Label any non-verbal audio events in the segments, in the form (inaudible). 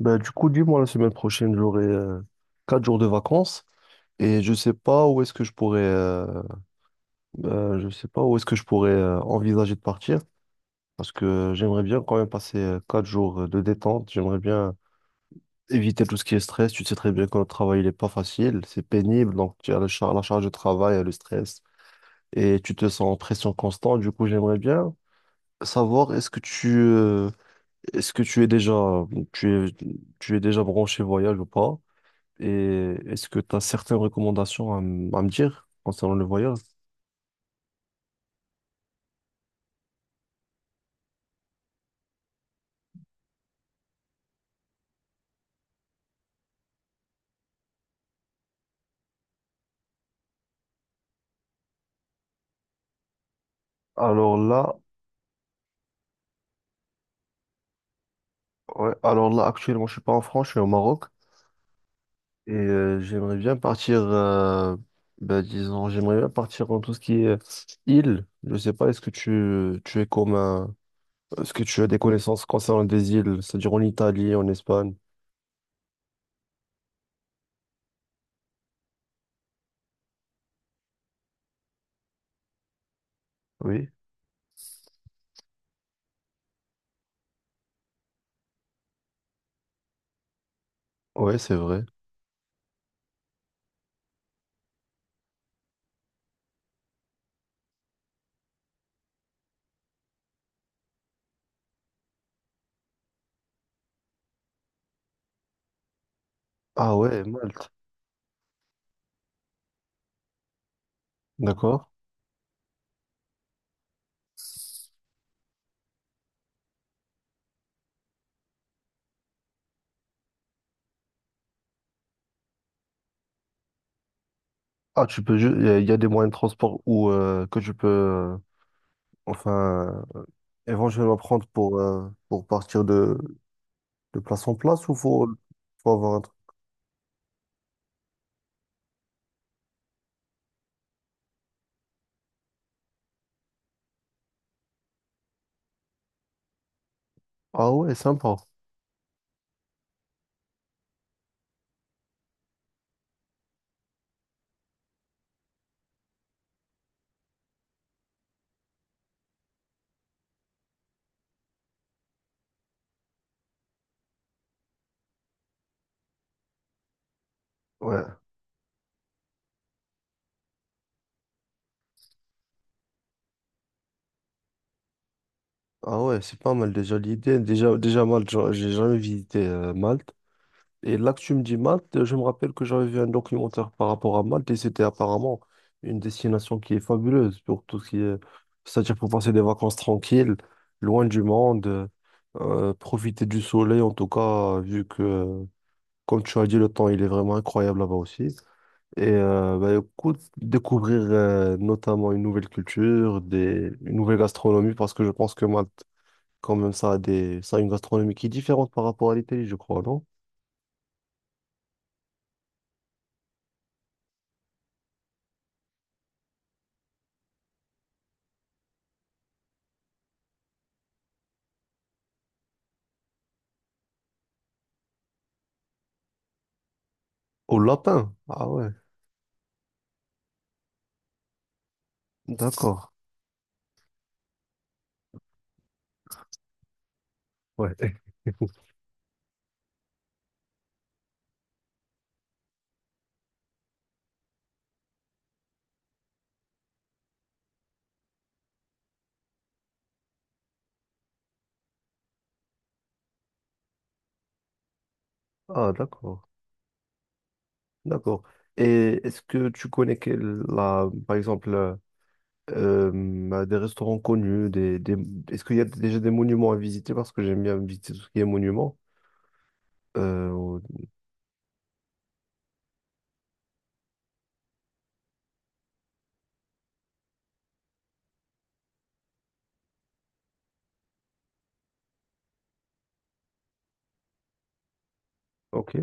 Ben, du coup, dis-moi, la semaine prochaine, j'aurai quatre jours de vacances et je sais pas où est-ce que je je sais pas où est-ce que je pourrais envisager de partir parce que j'aimerais bien quand même passer quatre jours de détente. J'aimerais bien éviter tout ce qui est stress. Tu sais très bien que notre travail, il est pas facile, c'est pénible, donc tu as la charge de travail, le stress et tu te sens en pression constante. Du coup, j'aimerais bien savoir est-ce que est-ce que tu es, tu es déjà branché voyage ou pas? Et est-ce que tu as certaines recommandations à, à me dire concernant le voyage? Alors là, ouais, alors là, actuellement, je suis pas en France, je suis au Maroc. Et j'aimerais bien ben, disons, j'aimerais bien partir dans tout ce qui est île. Je sais pas, est-ce que tu es comme un- est-ce que tu as des connaissances concernant des îles, c'est-à-dire en Italie, en Espagne? Oui, ouais, c'est vrai. Ah ouais, Malte, d'accord. Ah, tu peux, a y a des moyens de transport où que tu enfin. Éventuellement prendre pour partir de place en place ou faut, faut avoir un truc. Ah ouais, sympa. Ouais. Ah ouais, c'est pas mal déjà l'idée. Déjà, déjà Malte, j'ai jamais visité Malte. Et là que tu me dis Malte, je me rappelle que j'avais vu un documentaire par rapport à Malte et c'était apparemment une destination qui est fabuleuse pour tout ce qui est… C'est-à-dire pour passer des vacances tranquilles, loin du profiter du soleil en tout cas, vu que, comme tu as dit, le temps il est vraiment incroyable là-bas aussi. Et bah, écoute, découvrir notamment une nouvelle culture, des, une nouvelle gastronomie, parce que je pense que Malte, quand même, ça a des, ça a une gastronomie qui est différente par rapport à l'Italie, je crois, non? Au lapin. Ah ouais, d'accord. Ouais. Ah d'accord, d'accord. Et est-ce que tu connais la, par euh, bah, des restaurants connus, des, est-ce qu'il y a déjà des monuments à visiter? Parce que j'aime bien visiter tout ce qui est monuments. Euh, ok.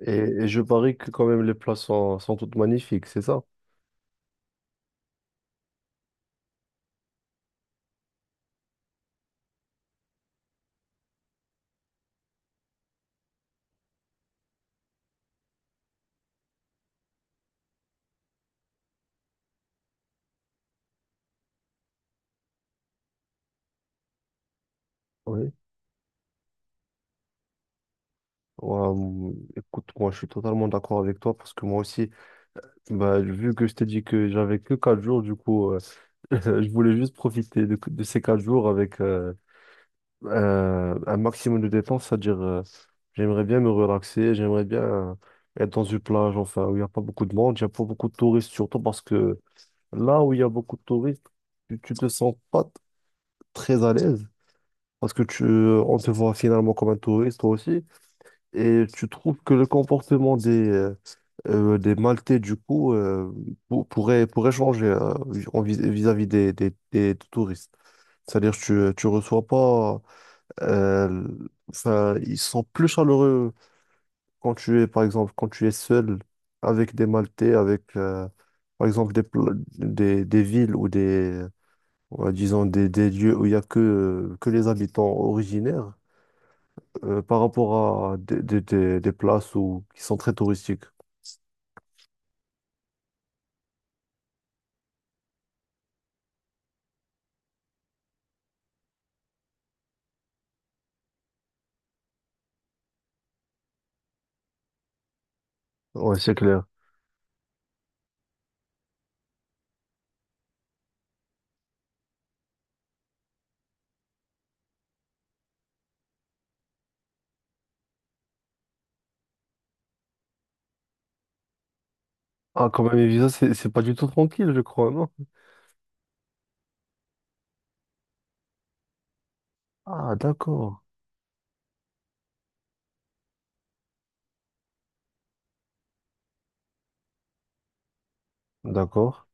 Et je parie que quand même les plats sont, sont toutes magnifiques, c'est ça? Oui. Ouais, écoute, moi je suis totalement d'accord avec toi parce que moi aussi, bah, vu que je t'ai dit que j'avais que 4 jours, du (laughs) je voulais juste profiter de ces 4 jours un maximum de dépenses, c'est-à-dire j'aimerais bien me relaxer, j'aimerais bien être dans une plage, enfin, où il n'y a pas beaucoup de monde, il n'y a pas beaucoup de touristes, surtout parce que là où il y a beaucoup de touristes, tu te sens pas très à l'aise. Parce que on te voit finalement comme un touriste, toi aussi, et tu trouves que le comportement des Maltais, du pourrait, pourrait changer en vis-à-vis des touristes. C'est-à-dire tu, tu reçois pas euh, enfin, ils sont plus chaleureux quand tu es, par exemple, quand tu es seul avec des Maltais, par exemple, des, des villes ou des, ouais, disons, des lieux où il n'y a que les habitants originaires, par rapport à des places où, qui sont très touristiques. Ouais, c'est clair. Ah, quand même, les visas, c'est pas du tout tranquille, je crois, non? Ah, d'accord. D'accord.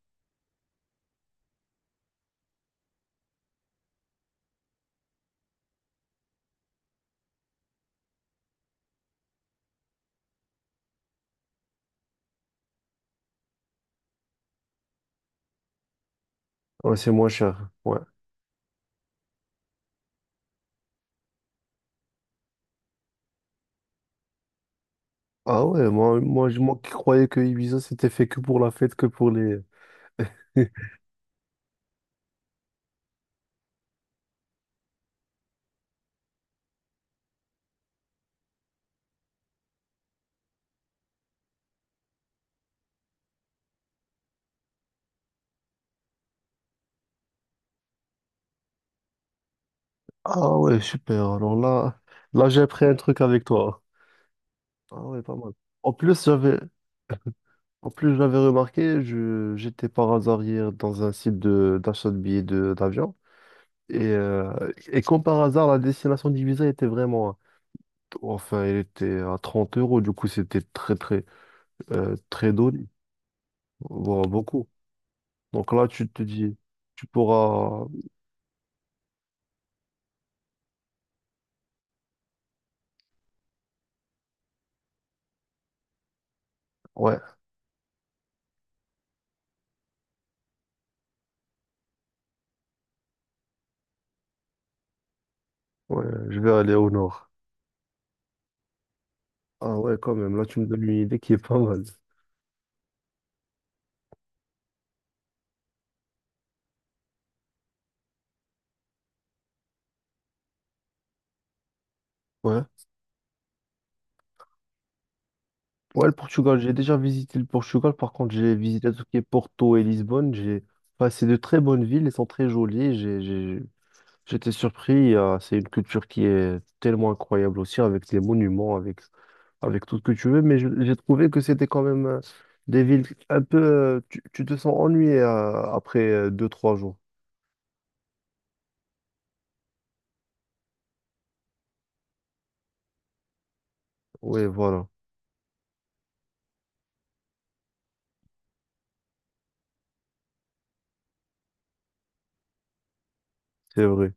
Ouais, c'est moins cher. Ouais. Ah ouais, moi, moi qui croyais que Ibiza c'était fait que pour la fête, que pour les… (laughs) Ah ouais, super. Alors là, là j'ai appris un truc avec toi. Ah ouais, pas mal. En plus, j'avais, en plus, j'avais remarqué, je, j'étais par hasard hier dans un site de, d'achat de billets de, d'avion. Et comme par hasard, la destination d'Ibiza était vraiment, enfin, elle était à 30 euros, du coup, c'était très, très donné, voire beaucoup. Donc là, tu te dis, tu pourras, ouais, ouais, je vais aller au nord. Ah ouais, quand même, là tu me donnes une idée qui est pas mal. Ouais. Ouais, le Portugal, j'ai déjà visité le Portugal, par contre j'ai visité tout ce qui est Porto et Lisbonne. J'ai… Enfin, c'est de très bonnes villes, elles sont très jolies. J'étais surpris, c'est une culture qui est tellement incroyable aussi, avec des monuments, avec, avec tout ce que tu veux, mais j'ai trouvé que c'était quand même des villes un peu… Tu, tu te sens ennuyé après deux, trois jours. Oui, voilà, c'est vrai.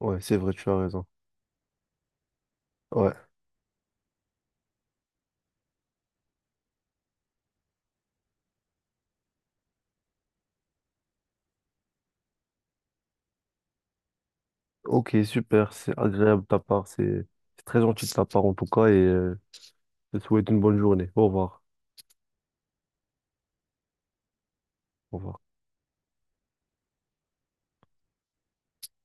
Ouais, c'est vrai, tu as raison. Ouais. Ok, super, c'est agréable de ta part, c'est très gentil de ta part en tout cas et je te souhaite une bonne journée. Au revoir. Au revoir.